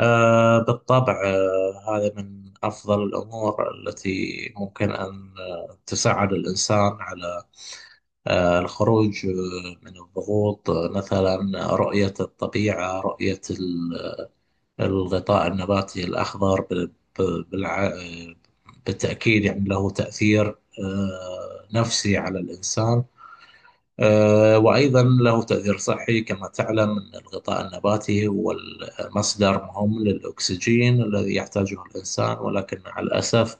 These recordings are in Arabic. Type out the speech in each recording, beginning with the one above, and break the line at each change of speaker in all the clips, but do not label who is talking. بالطبع، هذا من أفضل الأمور التي ممكن أن تساعد الإنسان على الخروج، من الضغوط، مثلا رؤية الطبيعة، رؤية الغطاء النباتي الأخضر، ب- ب- بالع... آه، بالتأكيد يعني له تأثير نفسي على الإنسان، وأيضا له تأثير صحي. كما تعلم أن الغطاء النباتي هو المصدر مهم للأكسجين الذي يحتاجه الإنسان، ولكن مع الأسف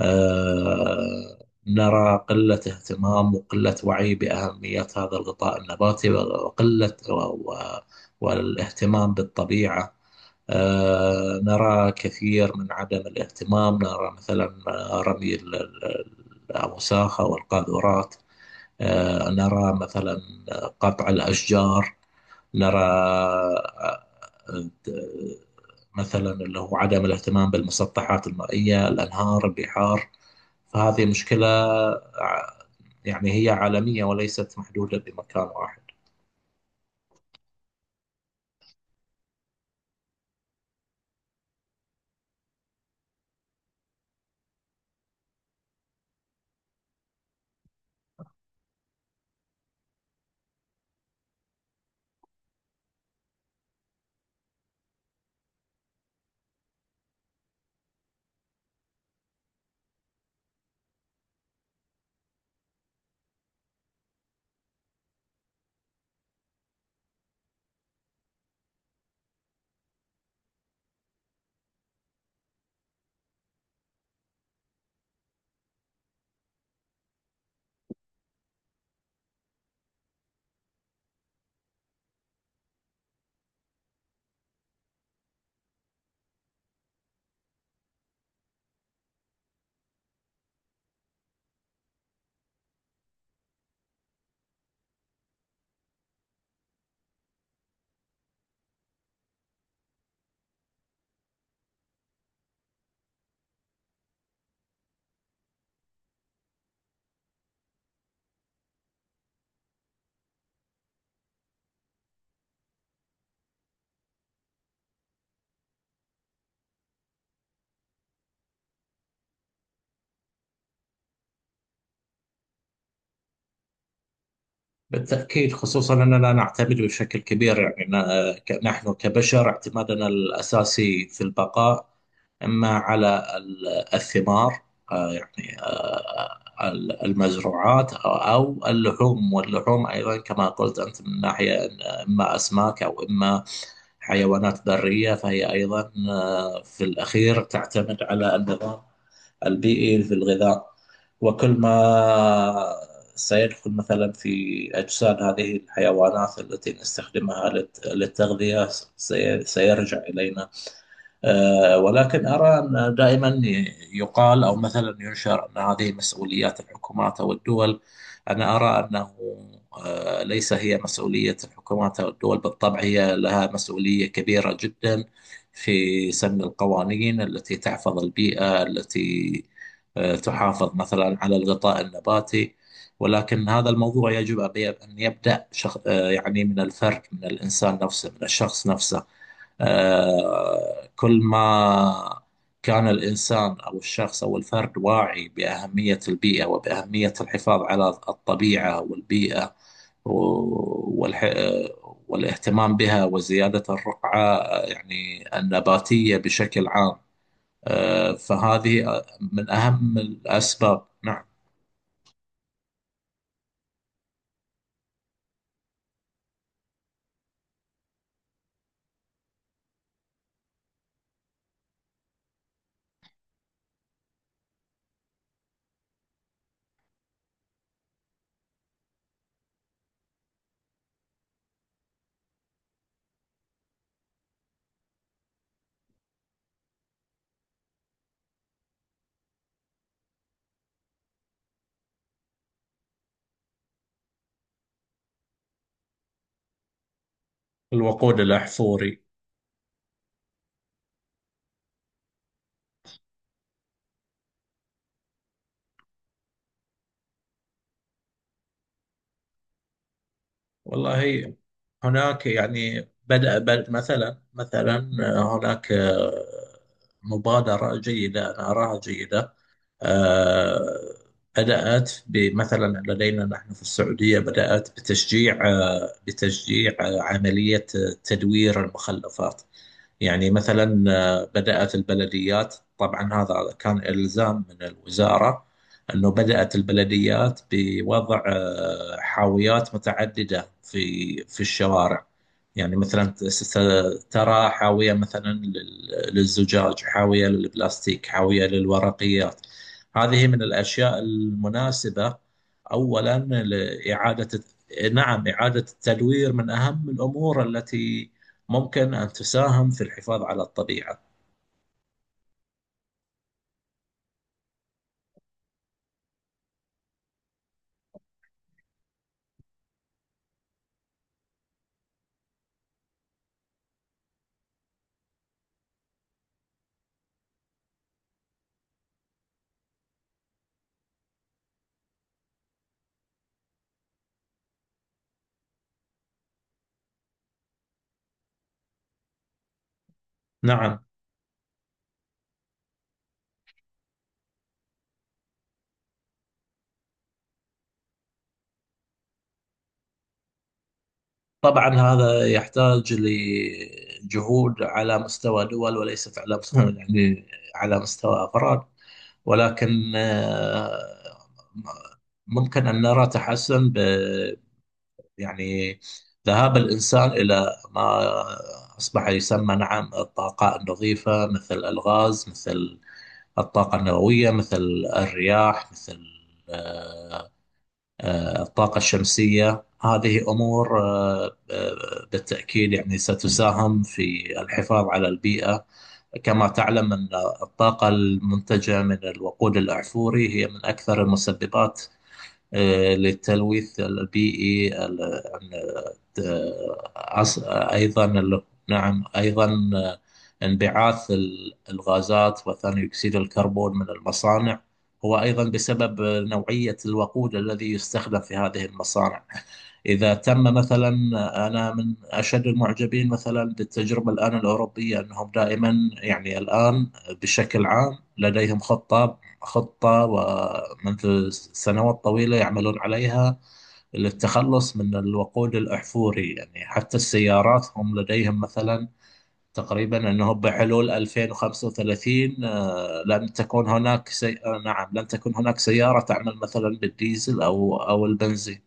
آه، نرى قلة اهتمام وقلة وعي بأهمية هذا الغطاء النباتي، وقلة والاهتمام بالطبيعة. نرى كثير من عدم الاهتمام، نرى مثلا رمي الأوساخ أو القاذورات، نرى مثلا قطع الأشجار، نرى آه، مثلا اللي هو عدم الاهتمام بالمسطحات المائية، الأنهار، البحار. فهذه مشكلة ع- يعني هي عالمية وليست محدودة بمكان واحد. بالتأكيد، خصوصا أننا نعتمد بشكل كبير يعني نحن كبشر اعتمادنا الأساسي في البقاء إما على الثمار، يعني المزروعات، أو اللحوم. واللحوم أيضا كما قلت أنت من ناحية إن إما أسماك أو إما حيوانات برية، فهي أيضا في الأخير تعتمد على النظام البيئي في الغذاء. وكل ما سيدخل مثلا في أجساد هذه الحيوانات التي نستخدمها للتغذية سيرجع إلينا. ولكن أرى أن دائما يقال، أو مثلا ينشر، أن هذه مسؤوليات الحكومات أو الدول. أنا أرى أنه ليس هي مسؤولية الحكومات أو الدول. بالطبع هي لها مسؤولية كبيرة جدا في سن القوانين التي تحفظ البيئة، التي تحافظ مثلا على الغطاء النباتي، ولكن هذا الموضوع يجب أن يبدأ شخ... آه، يعني من الفرد، من الإنسان نفسه، من الشخص نفسه. كل ما كان الإنسان أو الشخص أو الفرد واعي بأهمية البيئة، وبأهمية الحفاظ على الطبيعة والبيئة و- والح... آه، والاهتمام بها، وزيادة الرقعة يعني النباتية بشكل عام، فهذه من أهم الأسباب. نعم. الوقود الأحفوري. والله، هناك يعني بدأ مثلا هناك مبادرة جيدة، أنا أراها جيدة. آه، بدأت بمثلا لدينا نحن في السعودية، بدأت بتشجيع، عملية تدوير المخلفات. يعني مثلا بدأت البلديات، طبعا هذا كان إلزام من الوزارة، أنه بدأت البلديات بوضع حاويات متعددة في الشوارع. يعني مثلا ترى حاوية مثلا للزجاج، حاوية للبلاستيك، حاوية للورقيات. هذه من الأشياء المناسبة، أولا لإعادة... نعم، إعادة التدوير من أهم الأمور التي ممكن أن تساهم في الحفاظ على الطبيعة. نعم. طبعا هذا يحتاج لجهود على مستوى دول، وليس على مستوى يعني على مستوى أفراد. ولكن ممكن أن نرى تحسن ب يعني ذهاب الإنسان إلى ما أصبح يسمى، نعم، الطاقة النظيفة، مثل الغاز، مثل الطاقة النووية، مثل الرياح، مثل آه، الطاقة الشمسية. هذه أمور بالتأكيد يعني ستساهم في الحفاظ على البيئة. كما تعلم أن الطاقة المنتجة من الوقود الأحفوري هي من أكثر المسببات للتلوث البيئي، نعم. أيضا آه، انبعاث الغازات وثاني أكسيد الكربون من المصانع، هو أيضا بسبب نوعية الوقود الذي يستخدم في هذه المصانع. إذا تم مثلا... أنا من أشد المعجبين مثلا بالتجربة الآن الأوروبية، أنهم دائما يعني الآن بشكل عام لديهم خطة ومنذ سنوات طويلة يعملون عليها للتخلص من الوقود الأحفوري، يعني حتى السيارات هم لديهم مثلا تقريبا أنه بحلول 2035 لن تكون هناك سي... آه، نعم، لن تكون هناك سيارة تعمل مثلا بالديزل أو البنزين.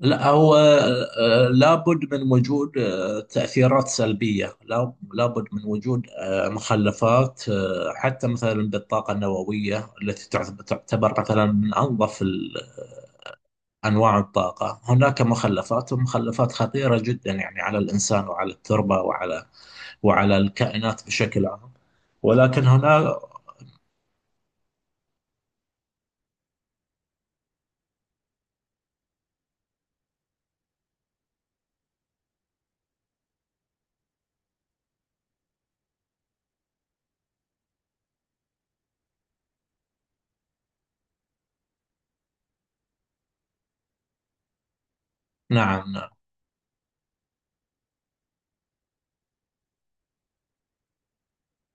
لا، هو لابد من وجود تأثيرات سلبية. لابد من وجود مخلفات حتى مثلا بالطاقة النووية، التي تعتبر مثلا من أنظف أنواع الطاقة. هناك مخلفات، ومخلفات خطيرة جدا يعني على الإنسان، وعلى التربة، وعلى الكائنات بشكل عام، ولكن هنا... نعم، نعم.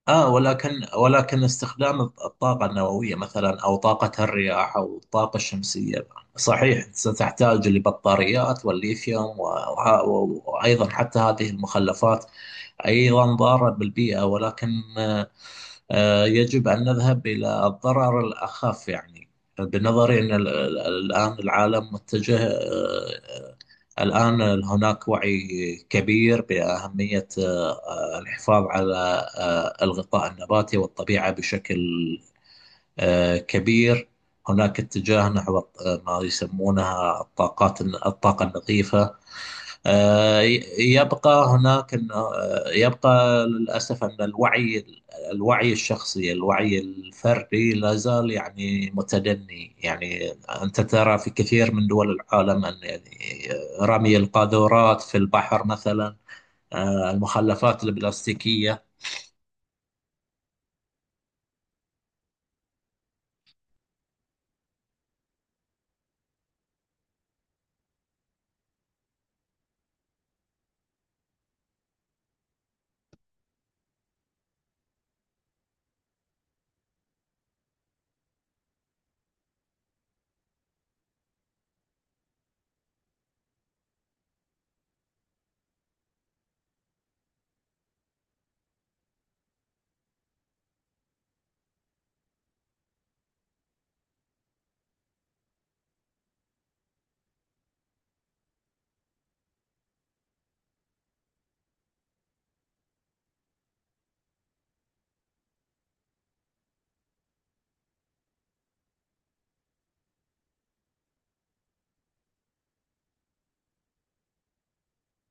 آه ولكن ولكن استخدام الطاقة النووية مثلا، أو طاقة الرياح، أو الطاقة الشمسية، صحيح ستحتاج لبطاريات والليثيوم، وأيضا، حتى هذه المخلفات أيضا ضارة بالبيئة، ولكن يجب أن نذهب إلى الضرر الأخف. يعني بنظري أن الآن العالم متجه، الآن هناك وعي كبير بأهمية الحفاظ على الغطاء النباتي والطبيعة بشكل كبير. هناك اتجاه نحو ما يسمونها الطاقات، الطاقة النظيفة. آه، يبقى هناك انه يبقى للاسف ان الوعي، الوعي الشخصي، الوعي الفردي، لا زال يعني متدني. يعني انت ترى في كثير من دول العالم ان يعني رمي القاذورات في البحر مثلا، المخلفات البلاستيكية.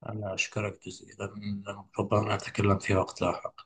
أنا أشكرك جزيلا، ربما نتكلم في وقت لاحق.